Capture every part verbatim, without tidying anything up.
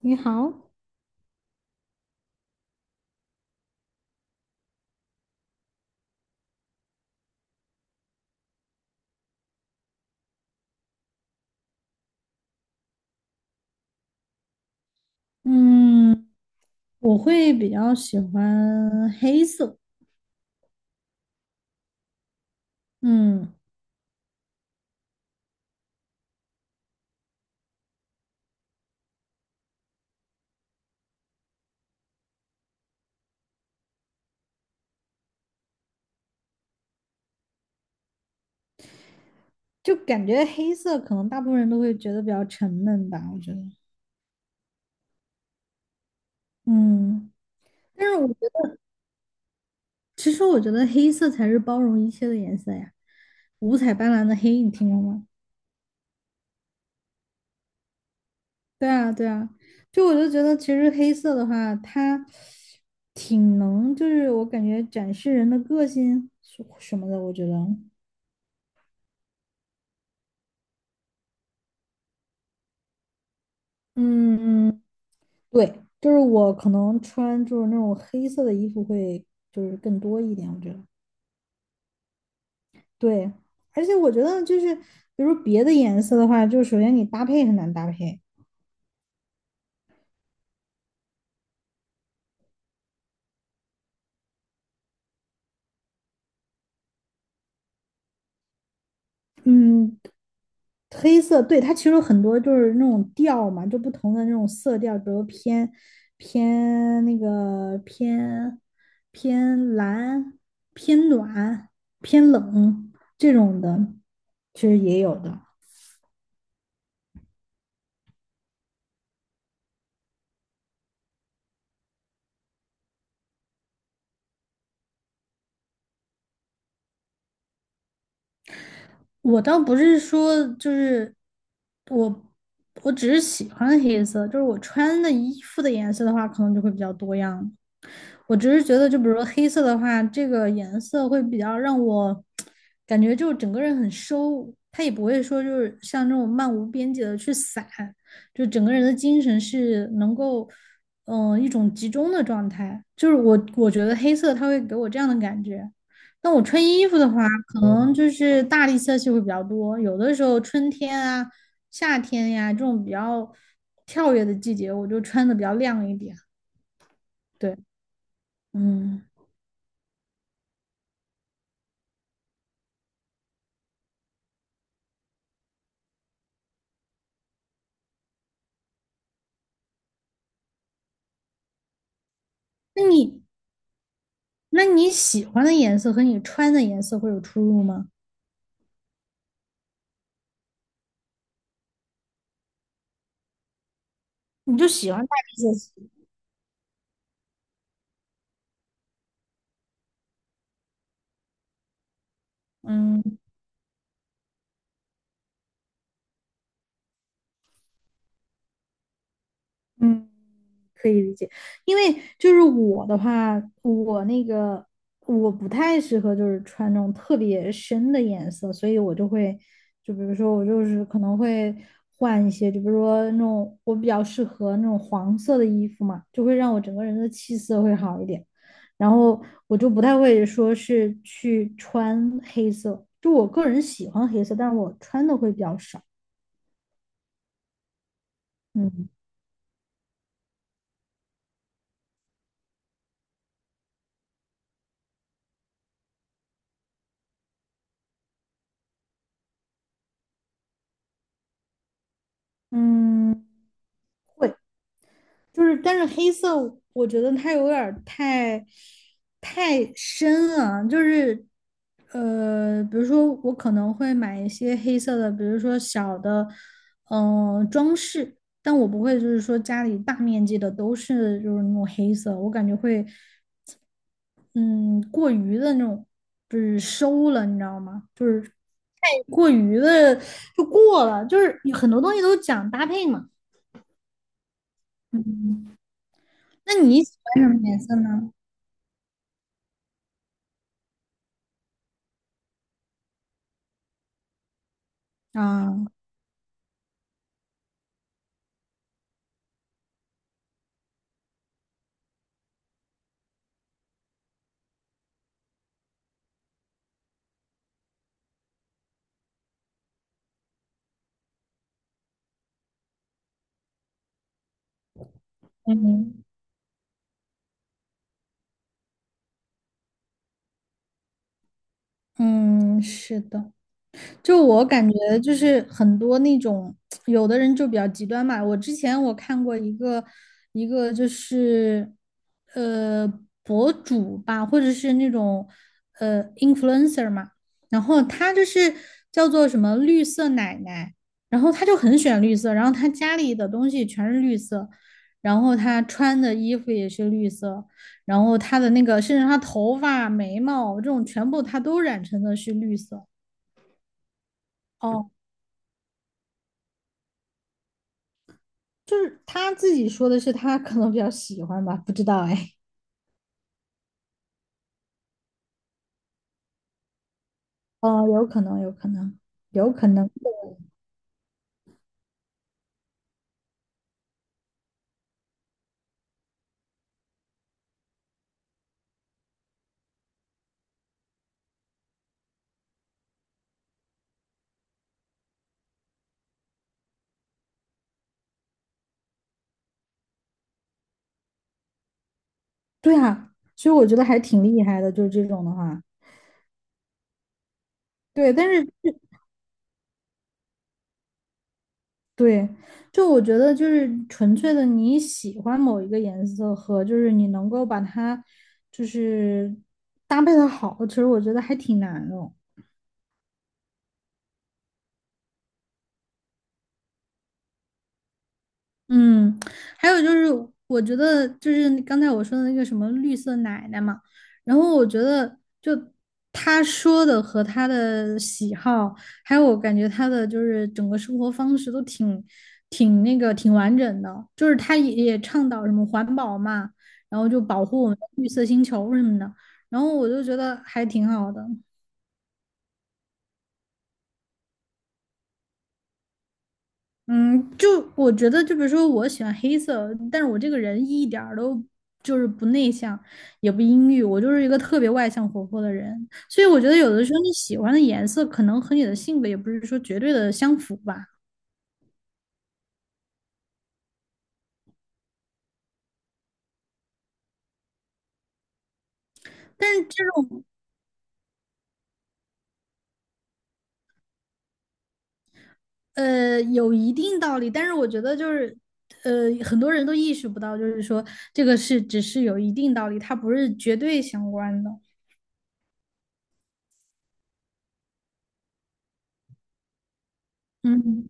你好，嗯，我会比较喜欢黑色，嗯，就感觉黑色可能大部分人都会觉得比较沉闷吧，我觉得。嗯，但是我觉得其实我觉得黑色才是包容一切的颜色呀，五彩斑斓的黑，你听过吗？对啊，对啊，就我就觉得其实黑色的话，它挺能，就是我感觉展示人的个性什什么的，我觉得。嗯嗯对，就是我可能穿就是那种黑色的衣服会就是更多一点，我觉得。对，而且我觉得就是比如别的颜色的话，就是首先你搭配很难搭配。嗯，黑色，对，它其实有很多就是那种调嘛，就不同的那种色调，比如偏偏那个偏偏蓝、偏暖、偏冷这种的，其实也有的。我倒不是说就是我，我只是喜欢黑色，就是我穿的衣服的颜色的话，可能就会比较多样。我只是觉得，就比如说黑色的话，这个颜色会比较让我感觉就整个人很收，它也不会说就是像这种漫无边际的去散，就整个人的精神是能够嗯、呃一种集中的状态。就是我我觉得黑色它会给我这样的感觉，但我穿衣服的话，可能就是大地色系会比较多，有的时候春天啊、夏天呀、这种比较跳跃的季节，我就穿的比较亮一点。对，嗯，那你那你喜欢的颜色和你穿的颜色会有出入吗？你就喜欢大地色系，嗯。嗯。可以理解，因为就是我的话，我那个我不太适合就是穿那种特别深的颜色，所以我就会，就比如说我就是可能会换一些，就比如说那种我比较适合那种黄色的衣服嘛，就会让我整个人的气色会好一点。然后我就不太会说是去穿黑色，就我个人喜欢黑色，但是我穿的会比较少。嗯嗯。会。就是，但是黑色我觉得它有点儿太太深了，就是呃，比如说我可能会买一些黑色的，比如说小的，嗯、呃装饰，但我不会就是说家里大面积的都是就是那种黑色，我感觉会嗯过于的那种就是收了，你知道吗？就是太过于的就过了，就是有很多东西都讲搭配嘛。嗯，那你喜欢什么颜色呢？啊，嗯嗯，是的。就我感觉，就是很多那种有的人就比较极端嘛。我之前我看过一个一个就是呃博主吧，或者是那种呃 influencer 嘛，然后他就是叫做什么绿色奶奶，然后他就很喜欢绿色，然后他家里的东西全是绿色，然后他穿的衣服也是绿色，然后他的那个甚至他头发、眉毛这种全部他都染成的是绿色。哦，就是他自己说的是他可能比较喜欢吧，不知道哎，嗯、有可能，有可能，有可能，对啊，所以我觉得还挺厉害的，就是这种的话，对，但是对，就我觉得就是纯粹的你喜欢某一个颜色和就是你能够把它就是搭配的好，其实我觉得还挺难的。嗯，还有就是，我觉得就是刚才我说的那个什么绿色奶奶嘛，然后我觉得就她说的和她的喜好，还有我感觉她的就是整个生活方式都挺挺那个挺完整的，就是她也也倡导什么环保嘛，然后就保护我们的绿色星球什么的，然后我就觉得还挺好的。嗯，就我觉得，就比如说，我喜欢黑色，但是我这个人一点儿都就是不内向，也不阴郁，我就是一个特别外向活泼的人，所以我觉得有的时候你喜欢的颜色可能和你的性格也不是说绝对的相符吧，但是这种呃有一定道理，但是我觉得就是呃很多人都意识不到，就是说这个是只是有一定道理，它不是绝对相关的。嗯，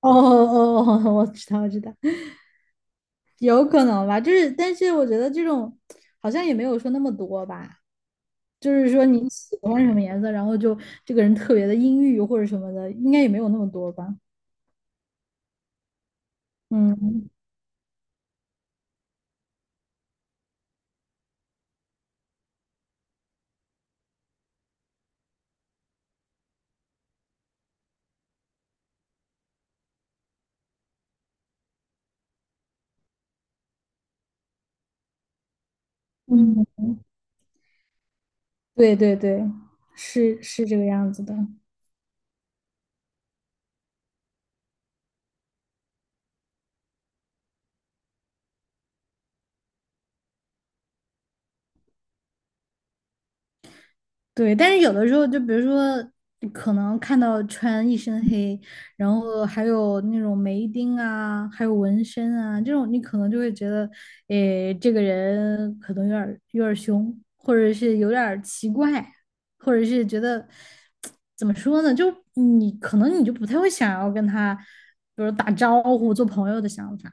哦哦哦，我知道，我知道。有可能吧，就是，但是我觉得这种好像也没有说那么多吧，就是说你喜欢什么颜色，然后就这个人特别的阴郁或者什么的，应该也没有那么多吧。嗯嗯，对对对，是是这个样子的。对，但是有的时候，就比如说，可能看到穿一身黑，然后还有那种眉钉啊，还有纹身啊，这种你可能就会觉得，诶，这个人可能有点儿有点儿凶，或者是有点儿奇怪，或者是觉得怎么说呢，就你可能你就不太会想要跟他，比如打招呼、做朋友的想法，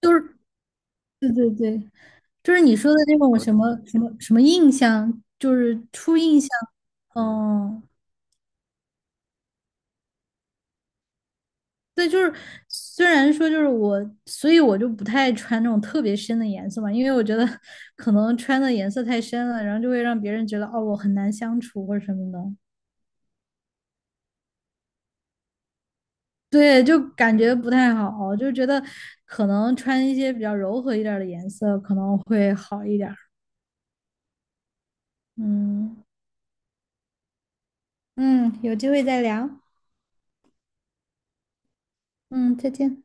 就是对对对，就是你说的那种什么什么什么印象，就是初印象，嗯嗯对，就是虽然说就是我，所以我就不太穿那种特别深的颜色嘛，因为我觉得 可能穿的颜色太深了，然后就会让别人觉得哦我很难相处或者什么的，对，就感觉不太好，就觉得可能穿一些比较柔和一点儿的颜色可能会好一点儿嗯嗯，有机会再聊，嗯，再见。